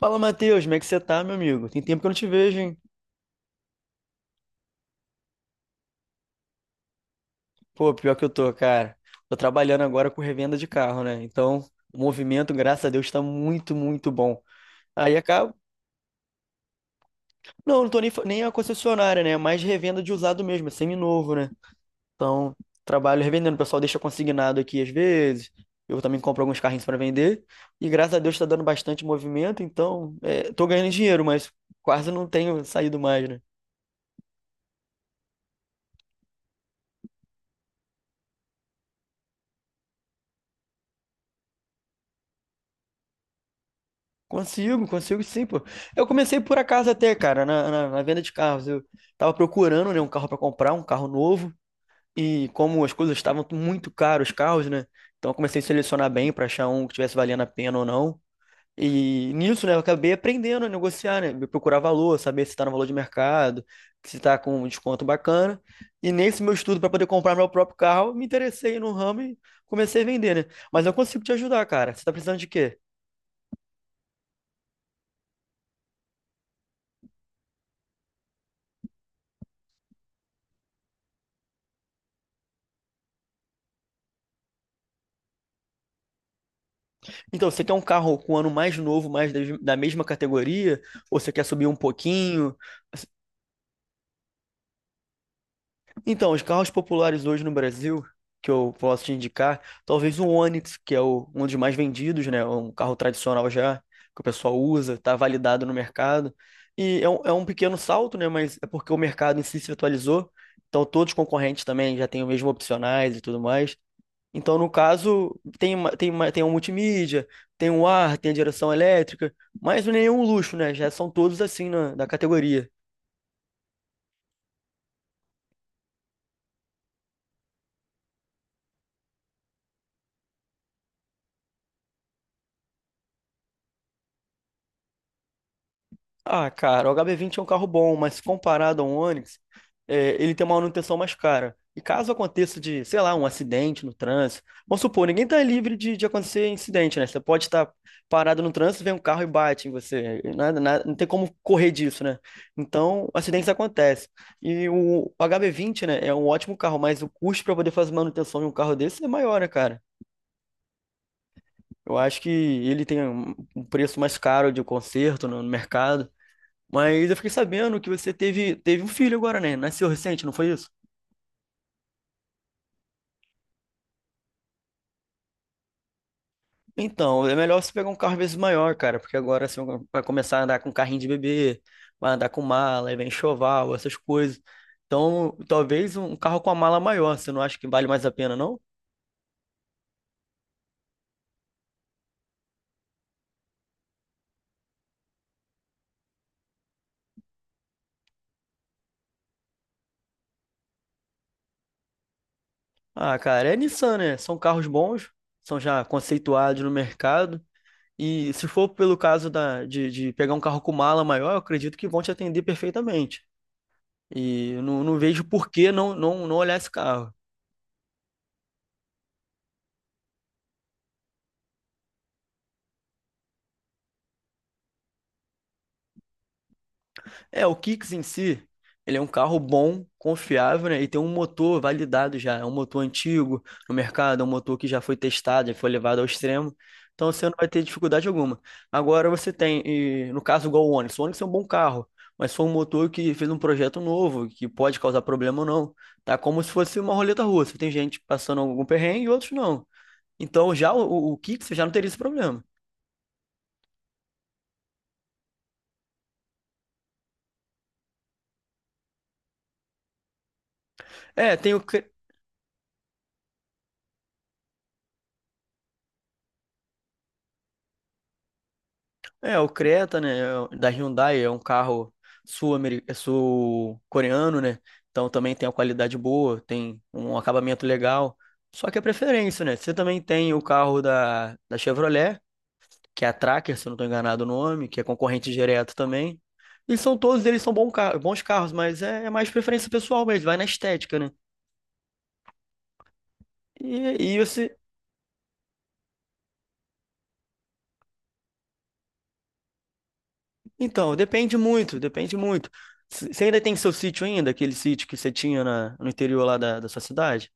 Fala, Matheus, como é que você tá, meu amigo? Tem tempo que eu não te vejo, hein? Pô, pior que eu tô, cara. Tô trabalhando agora com revenda de carro, né? Então, o movimento, graças a Deus, tá muito, muito bom. Aí acaba. Não, não tô nem, nem a concessionária, né? É mais revenda de usado mesmo, é seminovo, né? Então, trabalho revendendo. O pessoal deixa consignado aqui às vezes. Eu também compro alguns carrinhos pra vender. E graças a Deus tá dando bastante movimento, então, é, tô ganhando dinheiro, mas quase não tenho saído mais, né? Consigo, consigo sim, pô. Eu comecei por acaso até, cara, na venda de carros. Eu tava procurando, né, um carro pra comprar, um carro novo. E como as coisas estavam muito caras, os carros, né? Então eu comecei a selecionar bem pra achar um que tivesse valendo a pena ou não. E nisso, né, eu acabei aprendendo a negociar, né? Procurar valor, saber se tá no valor de mercado, se tá com um desconto bacana. E nesse meu estudo pra poder comprar meu próprio carro, me interessei no ramo e comecei a vender, né? Mas eu consigo te ajudar, cara. Você tá precisando de quê? Então, você quer um carro com um ano mais novo, mais da mesma categoria? Ou você quer subir um pouquinho? Então, os carros populares hoje no Brasil, que eu posso te indicar, talvez o Onix, que é um dos mais vendidos, né? Um carro tradicional já, que o pessoal usa, está validado no mercado. E é um pequeno salto, né? Mas é porque o mercado em si se atualizou. Então, todos os concorrentes também já têm o mesmo opcionais e tudo mais. Então, no caso, tem um multimídia, tem um ar, tem a direção elétrica, mas não é nenhum luxo, né? Já são todos assim na, da categoria. Ah, cara, o HB20 é um carro bom, mas comparado a um Onix, é, ele tem uma manutenção mais cara. E caso aconteça de, sei lá, um acidente no trânsito, vamos supor, ninguém está livre de acontecer incidente, né? Você pode estar parado no trânsito, vem um carro e bate em você. Não tem como correr disso, né? Então, acidentes acontecem. E o HB20, né, é um ótimo carro, mas o custo para poder fazer manutenção de um carro desse é maior, né, cara? Eu acho que ele tem um preço mais caro de conserto no mercado. Mas eu fiquei sabendo que você teve um filho agora, né? Nasceu recente, não foi isso? Então, é melhor você pegar um carro às vezes maior, cara, porque agora você vai começar a andar com carrinho de bebê, vai andar com mala, aí vem enxoval, essas coisas. Então, talvez um carro com a mala maior, você não acha que vale mais a pena, não? Ah, cara, é Nissan, né? São carros bons, são já conceituados no mercado. E se for pelo caso de pegar um carro com mala maior, eu acredito que vão te atender perfeitamente. E eu não vejo por que não olhar esse carro. É, o Kicks em si, ele é um carro bom, confiável, né? E tem um motor validado já. É um motor antigo no mercado, é um motor que já foi testado, já foi levado ao extremo. Então você não vai ter dificuldade alguma. Agora você no caso, igual o Onix. O Onix é um bom carro, mas foi um motor que fez um projeto novo, que pode causar problema ou não. Tá como se fosse uma roleta russa. Tem gente passando algum perrengue e outros não. Então já o Kicks já não teria esse problema. É, o Creta, né, é da Hyundai, é um carro é sul-coreano, né? Então também tem uma qualidade boa, tem um acabamento legal. Só que é preferência, né? Você também tem o carro da Chevrolet, que é a Tracker, se eu não estou enganado o nome, que é concorrente direto também. E são todos eles são bons carros, mas é mais preferência pessoal mesmo, vai na estética, né? E esse, então, depende muito, depende muito. Você ainda tem seu sítio ainda, aquele sítio que você tinha no interior lá da sua cidade?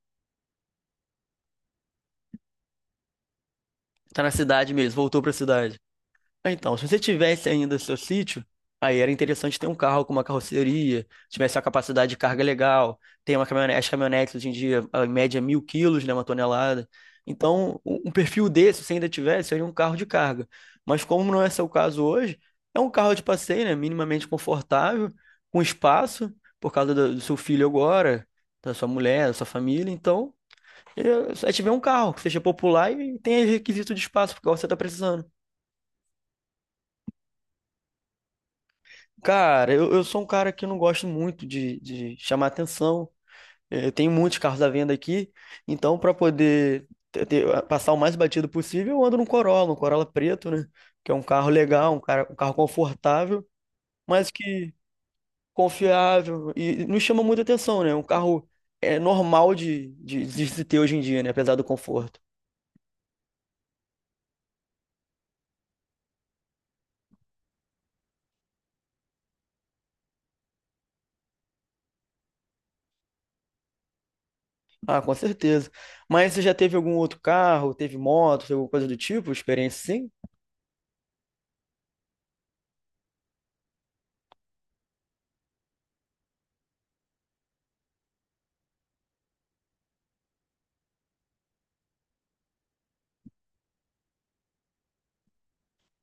Tá na cidade mesmo, voltou pra cidade. Ah, então, se você tivesse ainda seu sítio, aí era interessante ter um carro com uma carroceria, tivesse uma capacidade de carga legal, tem uma caminhonete, as caminhonetes hoje em dia, a média é 1.000 quilos, né, uma tonelada. Então, um perfil desse, se ainda tivesse, seria um carro de carga. Mas como não é seu caso hoje, é um carro de passeio, né, minimamente confortável, com espaço, por causa do seu filho agora, da sua mulher, da sua família, então a gente um carro que seja popular e tenha requisito de espaço, porque você tá precisando. Cara, eu sou um cara que não gosto muito de chamar atenção. É, eu tenho muitos carros à venda aqui, então para poder passar o mais batido possível, eu ando num Corolla, um Corolla preto, né? Que é um carro legal, um carro confortável, mas que confiável e não chama muita atenção, né? É um carro é normal de se ter hoje em dia, né? Apesar do conforto. Ah, com certeza. Mas você já teve algum outro carro, teve moto, teve alguma coisa do tipo, experiência sim?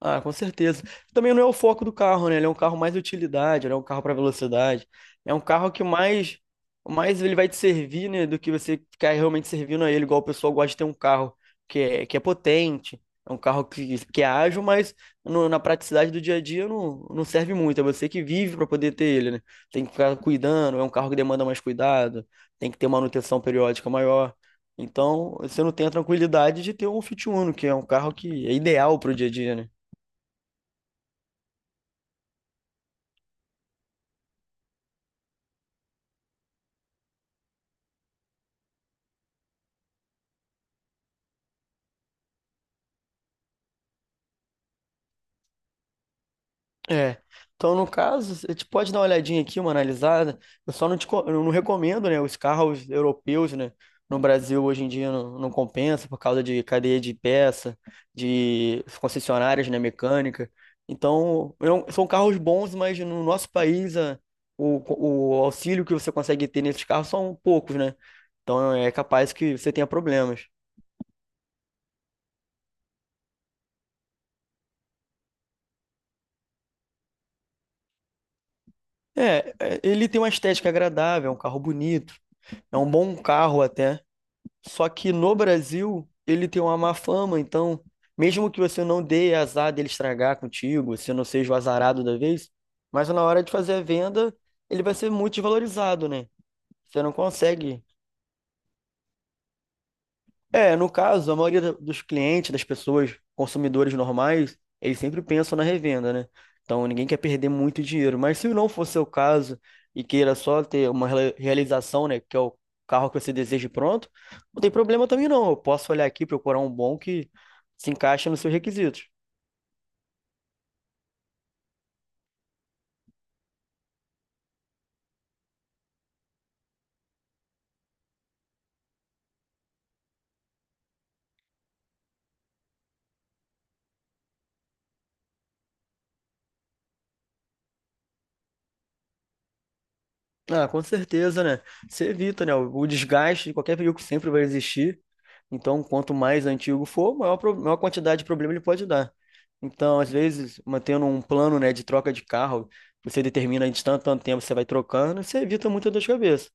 Ah, com certeza. Também não é o foco do carro, né? Ele é um carro mais utilidade, ele é um carro para velocidade. É um carro que mais ele vai te servir, né, do que você ficar realmente servindo a ele, igual o pessoal gosta de ter um carro que é potente, é um carro que é ágil, mas na praticidade do dia a dia não serve muito. É você que vive para poder ter ele, né? Tem que ficar cuidando, é um carro que demanda mais cuidado, tem que ter manutenção periódica maior. Então, você não tem a tranquilidade de ter um Fit Uno, que é um carro que é ideal para o dia a dia, né? É. Então, no caso, você te pode dar uma olhadinha aqui, uma analisada. Eu só não te, eu não recomendo, né? Os carros europeus, né? No Brasil, hoje em dia, não compensa por causa de cadeia de peça, de concessionárias, né? Mecânica. Então, são carros bons, mas no nosso país, o auxílio que você consegue ter nesses carros são poucos, né? Então, é capaz que você tenha problemas. É, ele tem uma estética agradável, é um carro bonito, é um bom carro até. Só que no Brasil, ele tem uma má fama, então, mesmo que você não dê azar dele estragar contigo, você não seja o azarado da vez, mas na hora de fazer a venda, ele vai ser muito desvalorizado, né? Você não consegue é, no caso, a maioria dos clientes, das pessoas, consumidores normais, eles sempre pensam na revenda, né? Então ninguém quer perder muito dinheiro. Mas se não for seu caso e queira só ter uma realização, né, que é o carro que você deseja e pronto, não tem problema também não. Eu posso olhar aqui, procurar um bom que se encaixe nos seus requisitos. Ah, com certeza, né? Você evita, né? O desgaste de qualquer veículo sempre vai existir. Então, quanto mais antigo for, maior, maior quantidade de problema ele pode dar. Então, às vezes, mantendo um plano, né, de troca de carro, você determina de tanto, tanto tempo você vai trocando, você evita muita dor de cabeça.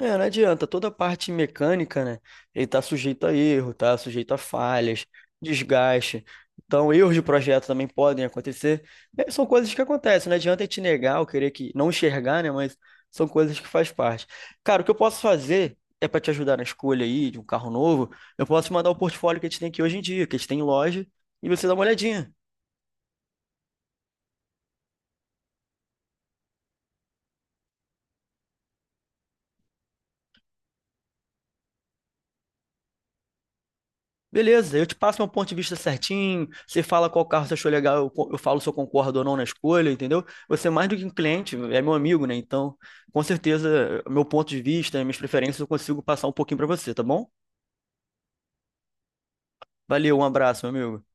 É, não adianta. Toda a parte mecânica, né? Ele tá sujeito a erro, tá sujeito a falhas, desgaste. Então, erros de projeto também podem acontecer. É, são coisas que acontecem. Não adianta eu te negar ou querer que não enxergar, né? Mas são coisas que faz parte. Cara, o que eu posso fazer é para te ajudar na escolha aí de um carro novo. Eu posso te mandar o portfólio que a gente tem aqui hoje em dia, que a gente tem em loja, e você dá uma olhadinha. Beleza, eu te passo meu ponto de vista certinho. Você fala qual carro você achou legal, eu falo se eu concordo ou não na escolha, entendeu? Você é mais do que um cliente, é meu amigo, né? Então, com certeza, meu ponto de vista, minhas preferências, eu consigo passar um pouquinho pra você, tá bom? Valeu, um abraço, meu amigo.